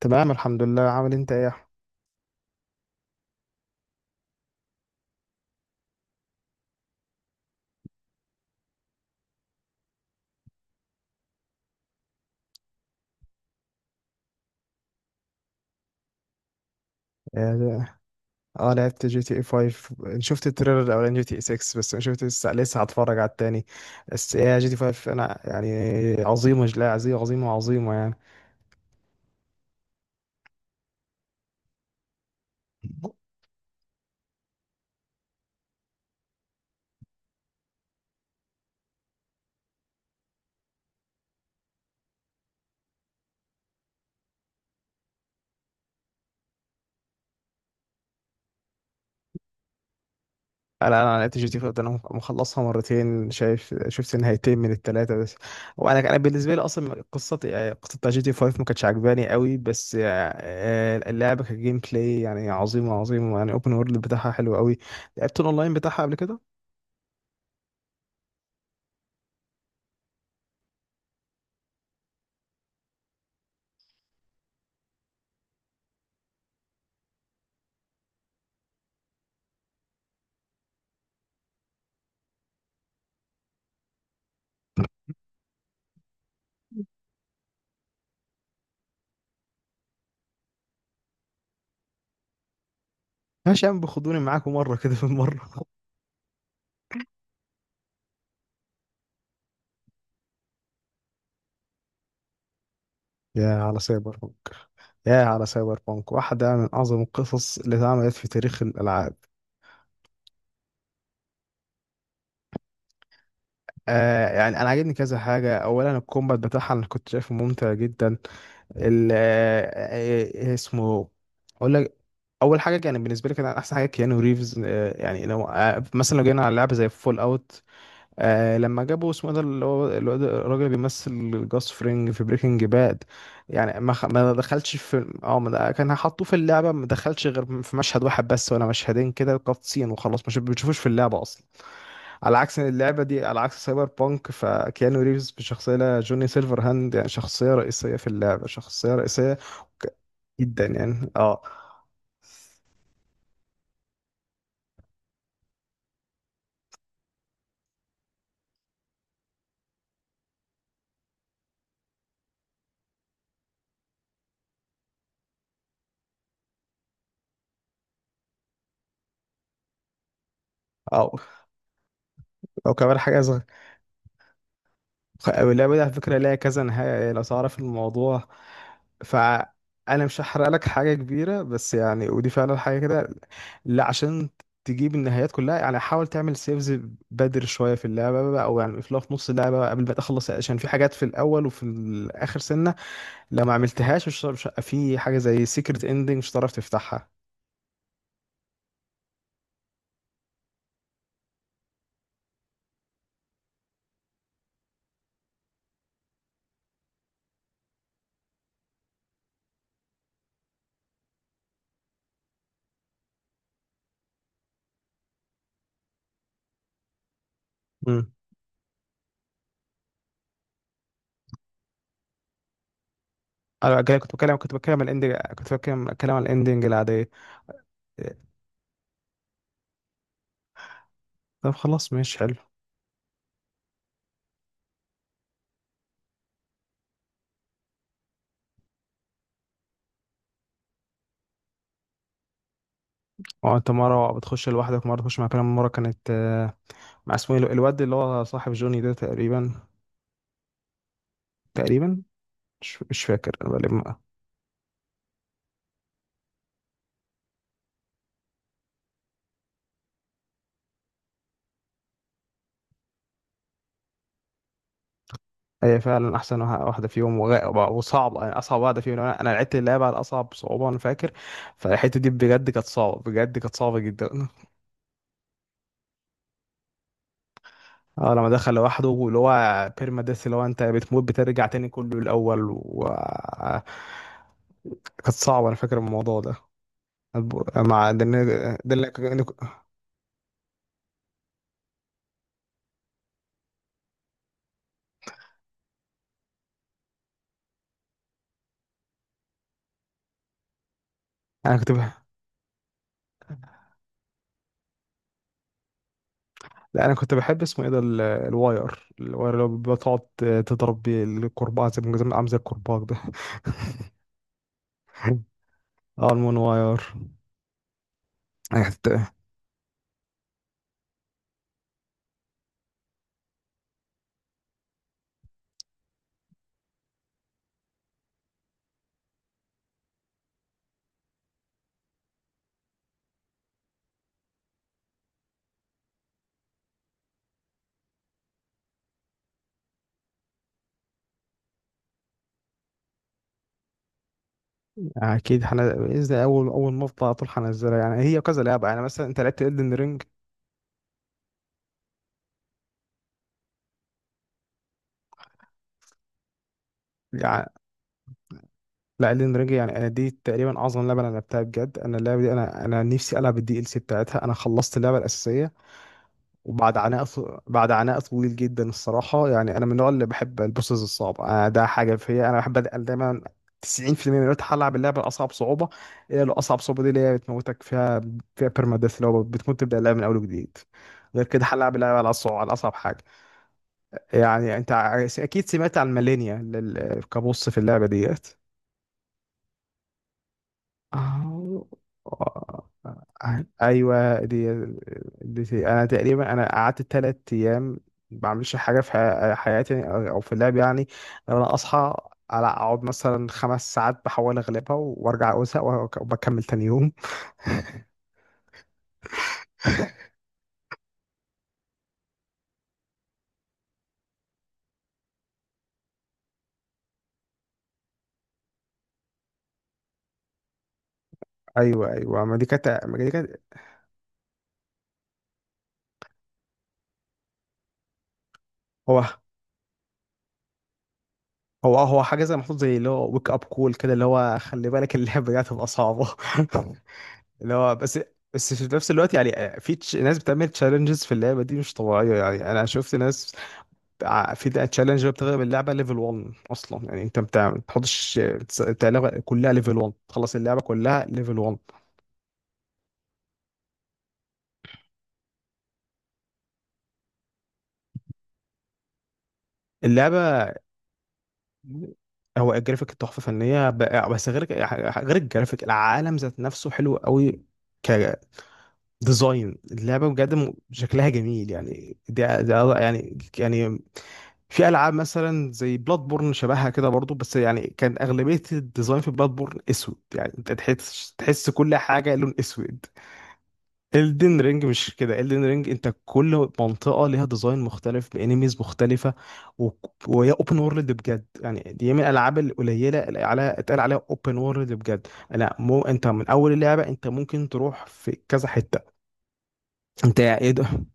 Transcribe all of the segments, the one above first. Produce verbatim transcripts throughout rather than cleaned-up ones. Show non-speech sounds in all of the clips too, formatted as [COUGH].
تمام الحمد لله. عامل إيه انت، ايه يا احمد؟ اه. آه، لعبت جي تي اي خمسة. شفت التريلر الاولاني جي تي اي ستة، بس انا شفت. لسه لسه هتفرج على التاني. بس ايه جي تي خمسة، انا يعني عظيمه، لا عظيمه عظيمه عظيمه يعني. انا انا لعبت جي تي خمسة ده، انا مخلصها مرتين. شايف، شفت نهايتين من الثلاثه بس. وانا انا بالنسبه لي اصلا قصه، يعني قصه بتاع جي تي خمسة ما كانتش عجباني قوي، بس آه، اللعبه كجيم بلاي يعني عظيمه عظيمه، يعني اوبن وورلد بتاعها حلو قوي. لعبت الاونلاين بتاعها قبل كده. ماشي يا عم، بخدوني معاكم مرة كده، في المرة. يا على سايبر بانك. يا على سايبر بانك واحدة من أعظم القصص اللي اتعملت في تاريخ الألعاب. آه يعني أنا عاجبني كذا حاجة. أولا الكومبات بتاعها أنا كنت شايفه ممتع جدا. ال آه، آه، آه، اسمه، أقول لك. أول حاجة يعني بالنسبة لي كان أحسن حاجة كيانو ريفز. آه يعني لو آه مثلا لو جينا على لعبة زي فول أوت، آه لما جابوا اسمه ده اللي هو الواد الراجل اللي بيمثل جاس فرينج في بريكنج باد، يعني ما خ... ما دخلش في اه ما د- كان هيحطوه في اللعبه، ما دخلش غير في مشهد واحد بس ولا مشهدين كده، كات سين وخلاص، مش بتشوفوش في اللعبه اصلا. على عكس إن اللعبه دي، على عكس سايبر بانك، فكيانو ريفز بشخصيه لا جوني سيلفر هاند، يعني شخصيه رئيسيه في اللعبه، شخصيه رئيسيه. ك- جدا يعني اه. اه، وكمان حاجه. خ- اللعبة دي على فكرة ليها كذا نهاية، يعني لو تعرف الموضوع، فأنا مش هحرق لك حاجة كبيرة، بس يعني ودي فعلا حاجة كده. لا، عشان تجيب النهايات كلها يعني، حاول تعمل سيفز بدر شوية في اللعبة بقى، أو يعني في، لو في نص اللعبة بقى قبل ما تخلص، عشان في حاجات في الأول وفي الآخر سنة، لو ما عملتهاش، مش مش- في حاجة زي سيكرت إندنج مش هتعرف تفتحها. مم. أنا كنت بتكلم كنت بتكلم عن الإندنج، كنت بتكلم بتكلم عن الإندنج العادية. طب خلاص ماشي حلو. اه، انت مرة بتخش لوحدك، مرة تخش مع كلام، مرة كانت آه، مع اسمه ايه الواد اللي هو صاحب جوني ده، تقريبا، تقريبا. مش, مش فاكر، انا بلم. هي فعلا احسن واحد- واحدة فيهم، وغ- وصعبة، يعني اصعب واحدة فيهم. انا انا لعبت اللعبة على اصعب صعوبة، انا فاكر. فالحتة دي بجد كانت صعبة، بجد كانت صعبة جدا. اه، لما دخل لوحده، واللي هو بيرما ديث، اللي هو انت بتموت بترجع تاني كله الاول، و كانت صعبة، انا فاكر الموضوع ده. أب- مع ده اللي- ده اللي- انا كنت لا، انا كنت بحب اسمه ايه ده، ال- الواير الواير اللي هو بتقعد تضرب بيه الكرباج، زي ما زي- ما- عامل زي الكرباج ده. [LAUGHS] اه، المون واير. هت- اكيد، حنا باذن اول اول ما افضل على طول هنزلها، يعني هي كذا لعبه، يعني مثلا انت لعبت الدن رينج. يعني لا، الدن رينج يعني انا دي تقريبا اعظم لعبه انا لعبتها بجد. انا اللعبه دي، انا انا نفسي العب الدي ال سي بتاعتها. انا خلصت اللعبه الاساسيه وبعد عناء بعد عناء طويل جدا الصراحة. يعني أنا من النوع اللي بحب البوسز الصعبة، آه، ده حاجة فيا، أنا بحب أتقل دايما. تسعين في المية من الوقت هلعب اللعبة الأصعب صعوبة. هي لو أصعب صعوبة، دي اللي هي بتموتك فيها، فيها ديث اللي هو بتموت تبدأ اللعبة من أول وجديد. غير كده هلعب اللعبة على الصعوبة، على أصعب حاجة. يعني أنت ع- أكيد سمعت عن مالينيا، لل- كبوس في اللعبة ديت. آه، آه، ايوه دي, دي انا تقريبا، انا قعدت ثلاث ايام ما بعملش حاجه في ح- حياتي، او في اللعب يعني. انا اصحى على اقعد مثلا خمس ساعات بحاول اغلبها، وارجع ازهق، وأك- وبكمل تاني يوم. ايوه ايوه، ما دي كانت ما دي كانت. هو هو هو حاجه زي محطوط، زي اللي هو ويك اب كول كده، اللي هو خلي بالك اللعبه دي هتبقى صعبه. [LAUGHS] اللي هو بس، بس في نفس الوقت يعني آه، في تش- ناس بتعمل تشالنجز في اللعبه دي مش طبيعيه. يعني انا شفت ناس بتاع- في تشالنج بتغلب اللعبه ليفل ون اصلا، يعني انت بتاع ما بتحطش، بتس- بتاع اللعبه كلها ليفل واحد، تخلص اللعبه كلها ليفل واحد. اللعبه، هو الجرافيك تحفه فنيه، ب- بس غير غير الجرافيك، العالم ذات نفسه حلو قوي. كديزاين اللعبه بجد م- شكلها جميل. يعني ده ده يعني يعني، في العاب مثلا زي بلاد بورن شبهها كده برضو، بس يعني كان اغلبيه الديزاين في بلاد بورن اسود، يعني انت تحس تحس كل حاجه لون اسود. الدن رينج مش كده. الدن رينج انت كل منطقه ليها ديزاين مختلف، بانيميز مختلفه. و... وهي اوبن وورلد بجد، يعني دي من الالعاب القليله اللي على اتقال عليها اوبن وورلد بجد. لا، مو، انت من اول اللعبه انت ممكن تروح في كذا حته. انت ايه ده.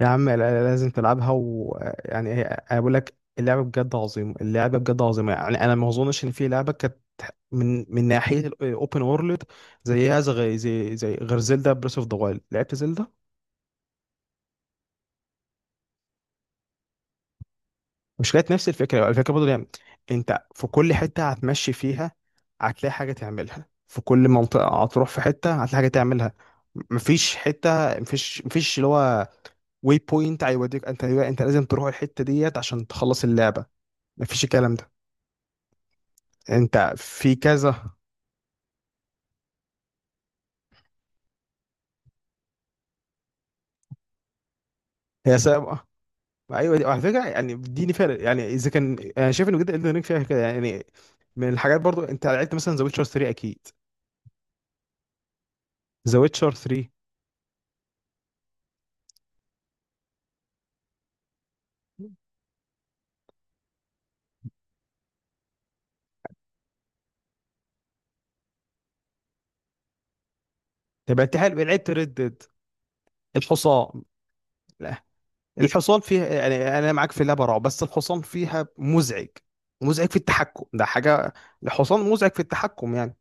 يا عم لا- لازم تلعبها، ويعني هي أنا بقول لك اللعبه بجد عظيمه، اللعبه بجد عظيمه، يعني انا ما اظنش ان في لعبه كانت، من من ناحيه الاوبن وورلد، زيها، زي زي زي غير زلدا بريس اوف ذا وايلد. لعبت زلدا. مش كانت نفس الفكره؟ الفكره برضه، يعني انت في كل حته هتمشي فيها هتلاقي حاجه تعملها، في كل منطقه هتروح في حته هتلاقي حاجه تعملها. مفيش حته، مفيش مفيش اللي هو واي بوينت هيوديك، انت انت لازم تروح الحته ديت عشان تخلص اللعبه. مفيش الكلام ده. انت في كذا. هي سابقة. ايوه دي، وعلى فكره يعني اديني فارق، يعني اذا كان انا شايف ان جدا الدن رينج فيها كده يعني. من الحاجات، برضو انت لعبت مثلا ذا ويتشر ثلاثة اكيد. ذا ويتشر ثري. طب انت حلو، لعبت ريد ديد؟ الحصان. لا، الحصان فيها يعني، انا معاك في اللعبه رعب، بس الحصان فيها مزعج، مزعج في التحكم، ده حاجه. الحصان مزعج في التحكم يعني.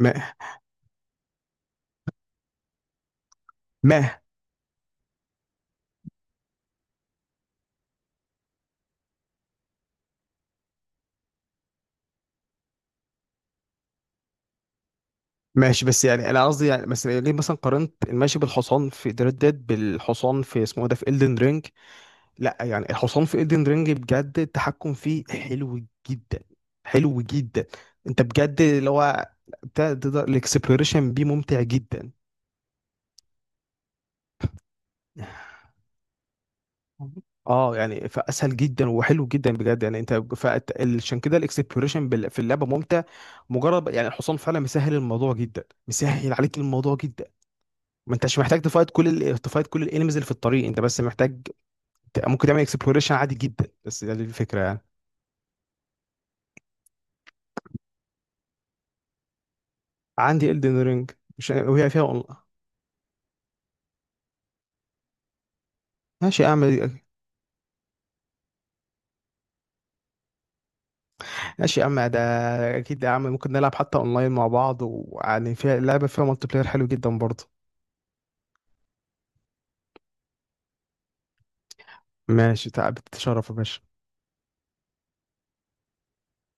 ما ما ماشي، بس يعني انا قصدي، يعني بس ليه مثلا قارنت الماشي بالحصان في ريد ديد بالحصان في اسمه إيه ده، في Elden Ring. لا يعني الحصان في ايدن رينج بجد التحكم فيه حلو جدا، حلو جدا. انت بجد اللي هو تقدر، الاكسبلوريشن بيه ممتع جدا. اه يعني فاسهل جدا وحلو جدا بجد، يعني انت فأت- عشان كده الاكسبلوريشن بال- في اللعبه ممتع. مجرد يعني الحصان فعلا مسهل الموضوع جدا، مسهل عليك الموضوع جدا. ما انتش محتاج تفايت كل ال... تفايت كل الانيميز اللي في الطريق. انت بس محتاج، ت- ممكن تعمل اكسبلوريشن عادي جدا، بس دي الفكره يعني. عندي Elden Ring، مش وهي فيها. ماشي يا عم. ماشي يا عم ده. اكيد يا عم، ممكن نلعب حتى اونلاين مع بعض، ويعني فيها لعبه، فيها مالتي بلاير حلو جدا برضه. ماشي، تعب تشرف يا باشا.